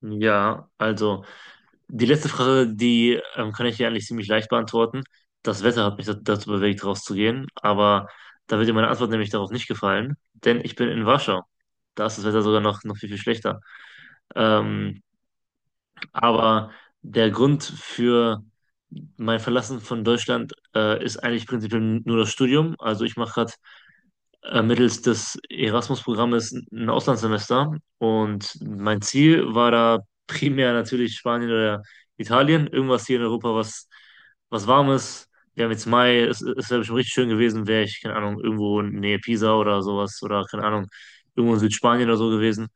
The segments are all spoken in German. Ja, also die letzte Frage, die kann ich dir eigentlich ziemlich leicht beantworten. Das Wetter hat mich dazu bewegt, rauszugehen, aber da wird dir meine Antwort nämlich darauf nicht gefallen, denn ich bin in Warschau. Da ist das Wetter sogar noch viel, viel schlechter. Ähm, aber der Grund für mein Verlassen von Deutschland ist eigentlich prinzipiell nur das Studium. Also ich mache gerade mittels des Erasmus-Programmes ein Auslandssemester. Und mein Ziel war da primär natürlich Spanien oder Italien, irgendwas hier in Europa, was warm ist. Wir haben jetzt Mai, es wäre bestimmt richtig schön gewesen, wäre ich, keine Ahnung, irgendwo in Nähe Pisa oder sowas oder keine Ahnung, irgendwo in Südspanien oder so gewesen.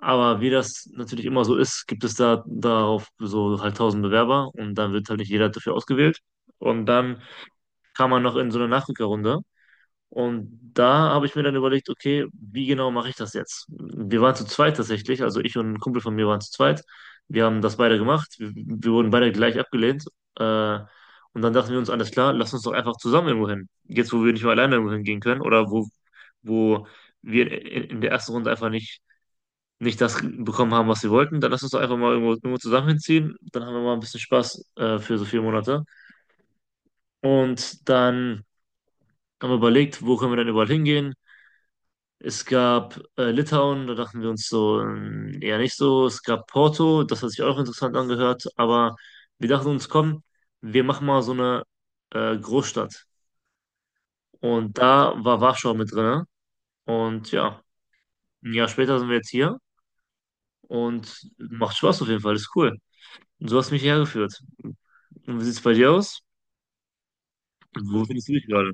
Aber wie das natürlich immer so ist, gibt es da darauf so halt tausend Bewerber und dann wird halt nicht jeder dafür ausgewählt. Und dann kam man noch in so eine Nachrückerrunde und da habe ich mir dann überlegt, okay, wie genau mache ich das jetzt? Wir waren zu zweit tatsächlich, also ich und ein Kumpel von mir waren zu zweit. Wir haben das beide gemacht. Wir wurden beide gleich abgelehnt. Äh, und dann dachten wir uns, alles klar, lass uns doch einfach zusammen irgendwo hin. Jetzt, wo wir nicht mehr alleine irgendwo hingehen können oder wo wir in der ersten Runde einfach nicht das bekommen haben, was wir wollten, dann lass uns doch einfach mal irgendwo zusammen hinziehen. Dann haben wir mal ein bisschen Spaß für so 4 Monate. Und dann haben wir überlegt, wo können wir denn überall hingehen? Es gab Litauen, da dachten wir uns so, eher nicht so. Es gab Porto, das hat sich auch interessant angehört, aber wir dachten uns, komm, wir machen mal so eine Großstadt. Und da war Warschau mit drin. Und ja, 1 Jahr später sind wir jetzt hier und macht Spaß auf jeden Fall, ist cool. Und so hast du mich hergeführt. Und wie sieht's bei dir aus? Wo findest du dich gerade?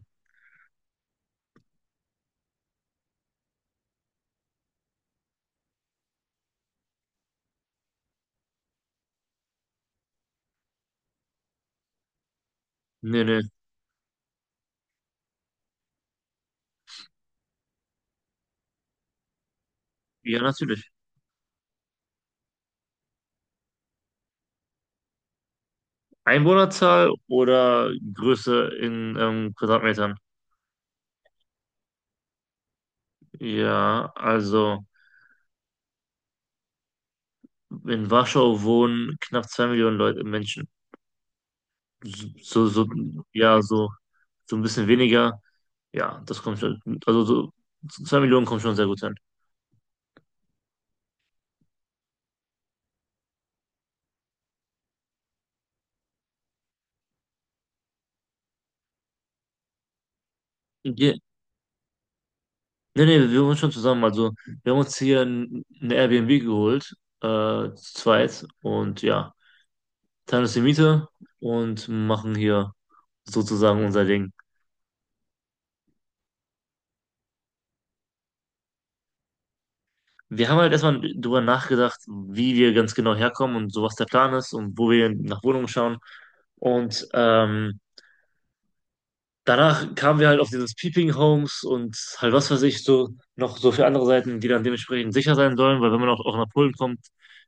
Nee, nee. Ja, natürlich. Einwohnerzahl oder Größe in Quadratmetern? Ja, also. In Warschau wohnen knapp 2 Millionen Leute, Menschen. So, so, so, ja, so, so ein bisschen weniger. Ja, das kommt schon. Also so, 2 Millionen kommt schon sehr gut hin. Ja, nee, nee, wir wohnen schon zusammen. Also wir haben uns hier eine Airbnb geholt, äh, zu zweit. Und ja, teilen uns die Miete und machen hier sozusagen unser Ding. Wir haben halt erstmal drüber nachgedacht, wie wir ganz genau herkommen und so, was der Plan ist und wo wir nach Wohnungen schauen. Und danach kamen wir halt auf dieses Peeping Homes und halt was weiß ich, so noch so für andere Seiten, die dann dementsprechend sicher sein sollen, weil wenn man auch nach Polen kommt,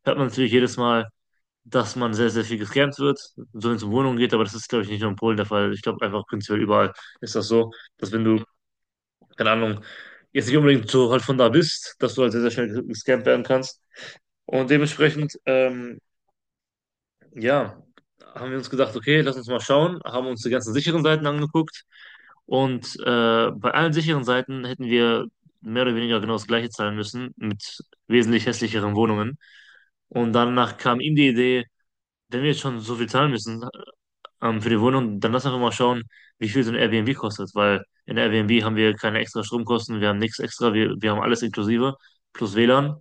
hört man natürlich jedes Mal, dass man sehr, sehr viel gescammt wird, so wenn es um Wohnungen geht, aber das ist, glaube ich, nicht nur in Polen der Fall. Ich glaube einfach prinzipiell überall ist das so, dass wenn du, keine Ahnung, jetzt nicht unbedingt so halt von da bist, dass du halt sehr, sehr schnell gescammt werden kannst. Und dementsprechend, ja, haben wir uns gedacht, okay, lass uns mal schauen, haben uns die ganzen sicheren Seiten angeguckt und bei allen sicheren Seiten hätten wir mehr oder weniger genau das gleiche zahlen müssen, mit wesentlich hässlicheren Wohnungen. Und danach kam ihm die Idee, wenn wir jetzt schon so viel zahlen müssen für die Wohnung, dann lass einfach mal schauen, wie viel so ein Airbnb kostet, weil in Airbnb haben wir keine extra Stromkosten, wir haben nichts extra, wir haben alles inklusive, plus WLAN.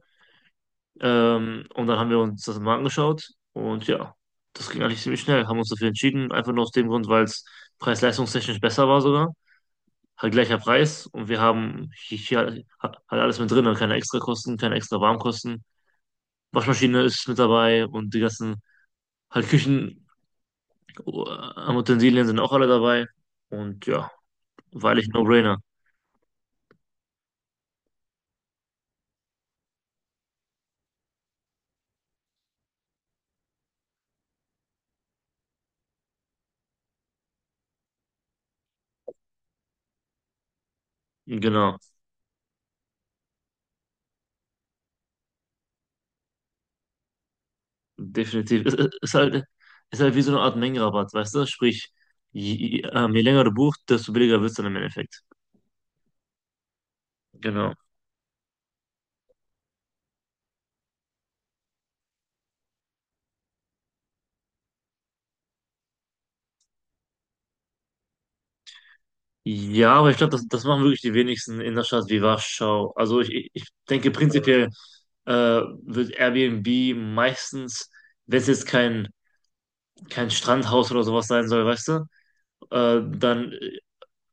Und dann haben wir uns das mal angeschaut und ja, das ging eigentlich ziemlich schnell, haben uns dafür entschieden, einfach nur aus dem Grund, weil es preis-leistungstechnisch besser war sogar halt gleicher Preis und wir haben hier, hier halt alles mit drin, also keine Extrakosten, keine extra Warmkosten. Waschmaschine ist mit dabei und die ganzen halt Küchen Utensilien sind auch alle dabei und ja, weil ich No-Brainer. Genau, definitiv. Ist halt ist halt wie so eine Art Mengenrabatt, weißt du? Sprich, je länger du buchst, desto billiger wird's dann im Endeffekt. Genau. Ja, aber ich glaube, das machen wirklich die wenigsten in einer Stadt wie Warschau. Also ich denke prinzipiell wird Airbnb meistens, wenn es jetzt kein Strandhaus oder sowas sein soll, weißt du, dann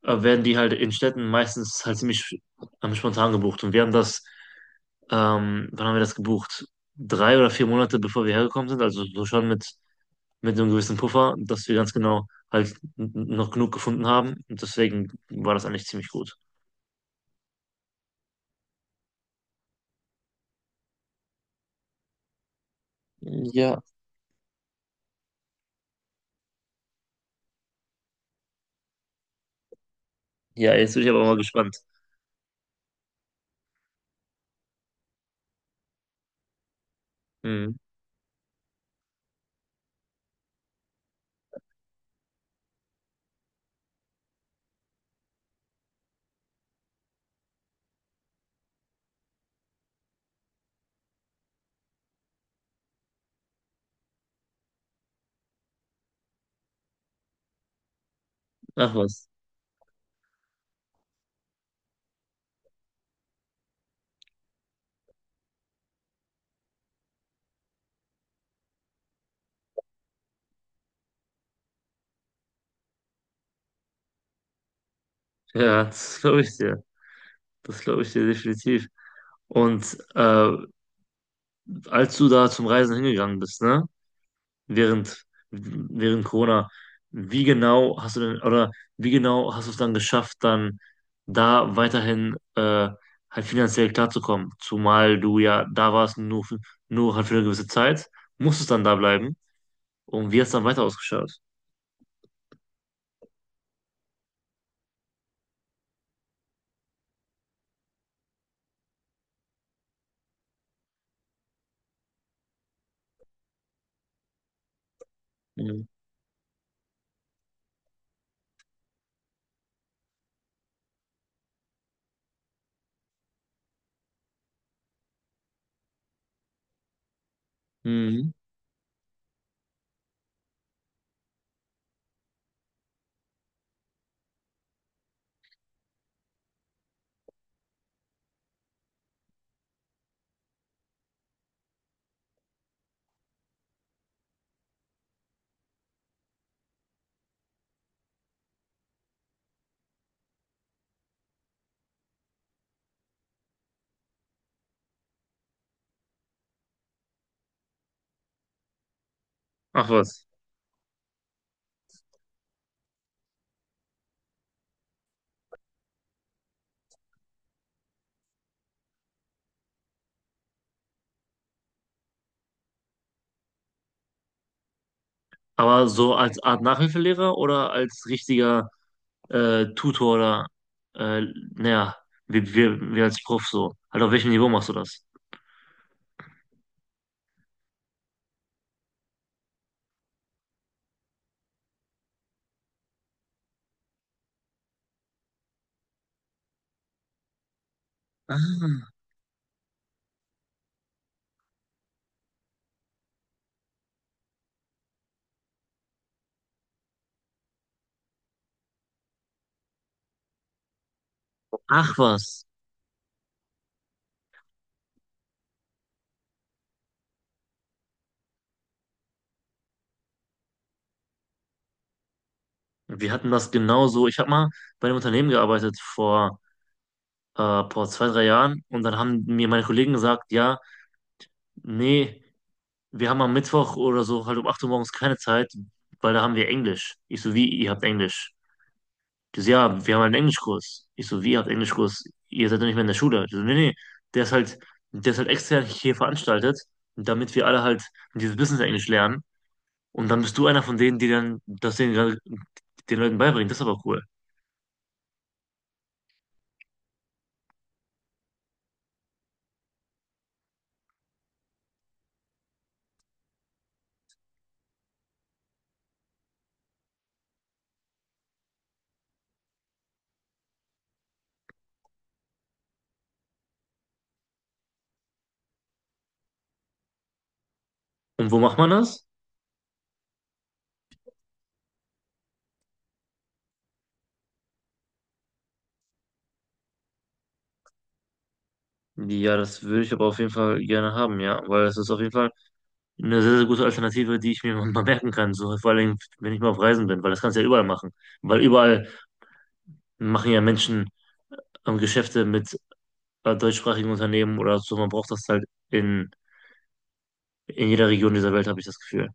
werden die halt in Städten meistens halt ziemlich spontan gebucht. Und wir haben wann haben wir das gebucht? Drei oder 4 Monate bevor wir hergekommen sind, also so schon mit so einem gewissen Puffer, dass wir ganz genau halt noch genug gefunden haben. Und deswegen war das eigentlich ziemlich gut. Ja, ja, jetzt bin ich aber mal gespannt. Mhm. Ach was. Ja, das glaube ich dir. Das glaube ich dir definitiv. Und als du da zum Reisen hingegangen bist, ne? Während, während Corona, wie genau hast du denn, oder wie genau hast du es dann geschafft, dann da weiterhin halt finanziell klarzukommen? Zumal du ja da warst, nur, nur halt für eine gewisse Zeit, musstest dann da bleiben. Und wie hast du dann weiter ausgeschaut? Mhm. Mhm. Ach was. Aber so als Art Nachhilfelehrer oder als richtiger Tutor oder äh, naja, wie als Prof so? Halt auf welchem Niveau machst du das? Ah. Ach was. Wir hatten das genauso. Ich habe mal bei einem Unternehmen gearbeitet vor zwei, drei Jahren und dann haben mir meine Kollegen gesagt, ja, nee, wir haben am Mittwoch oder so halt um 8 Uhr morgens keine Zeit, weil da haben wir Englisch. Ich so, wie, ihr habt Englisch? Die so, ja, wir haben halt einen Englischkurs. Ich so, wie, ihr habt Englischkurs? Ihr seid doch nicht mehr in der Schule. Die so, nee, nee, der ist halt, der ist halt extern hier veranstaltet, damit wir alle halt dieses Business Englisch lernen. Und dann bist du einer von denen, die dann den Leuten beibringen. Das ist aber cool. Und wo macht man das? Ja, das würde ich aber auf jeden Fall gerne haben, ja, weil es ist auf jeden Fall eine sehr, sehr gute Alternative, die ich mir mal merken kann, so vor allem, wenn ich mal auf Reisen bin, weil das kannst du ja überall machen, weil überall machen ja Menschen Geschäfte mit bei deutschsprachigen Unternehmen oder so. Man braucht das halt in, in jeder Region dieser Welt, habe ich das Gefühl.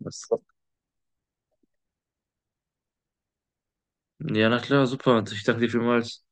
Das, Ja, na klar, super. Ich danke dir vielmals.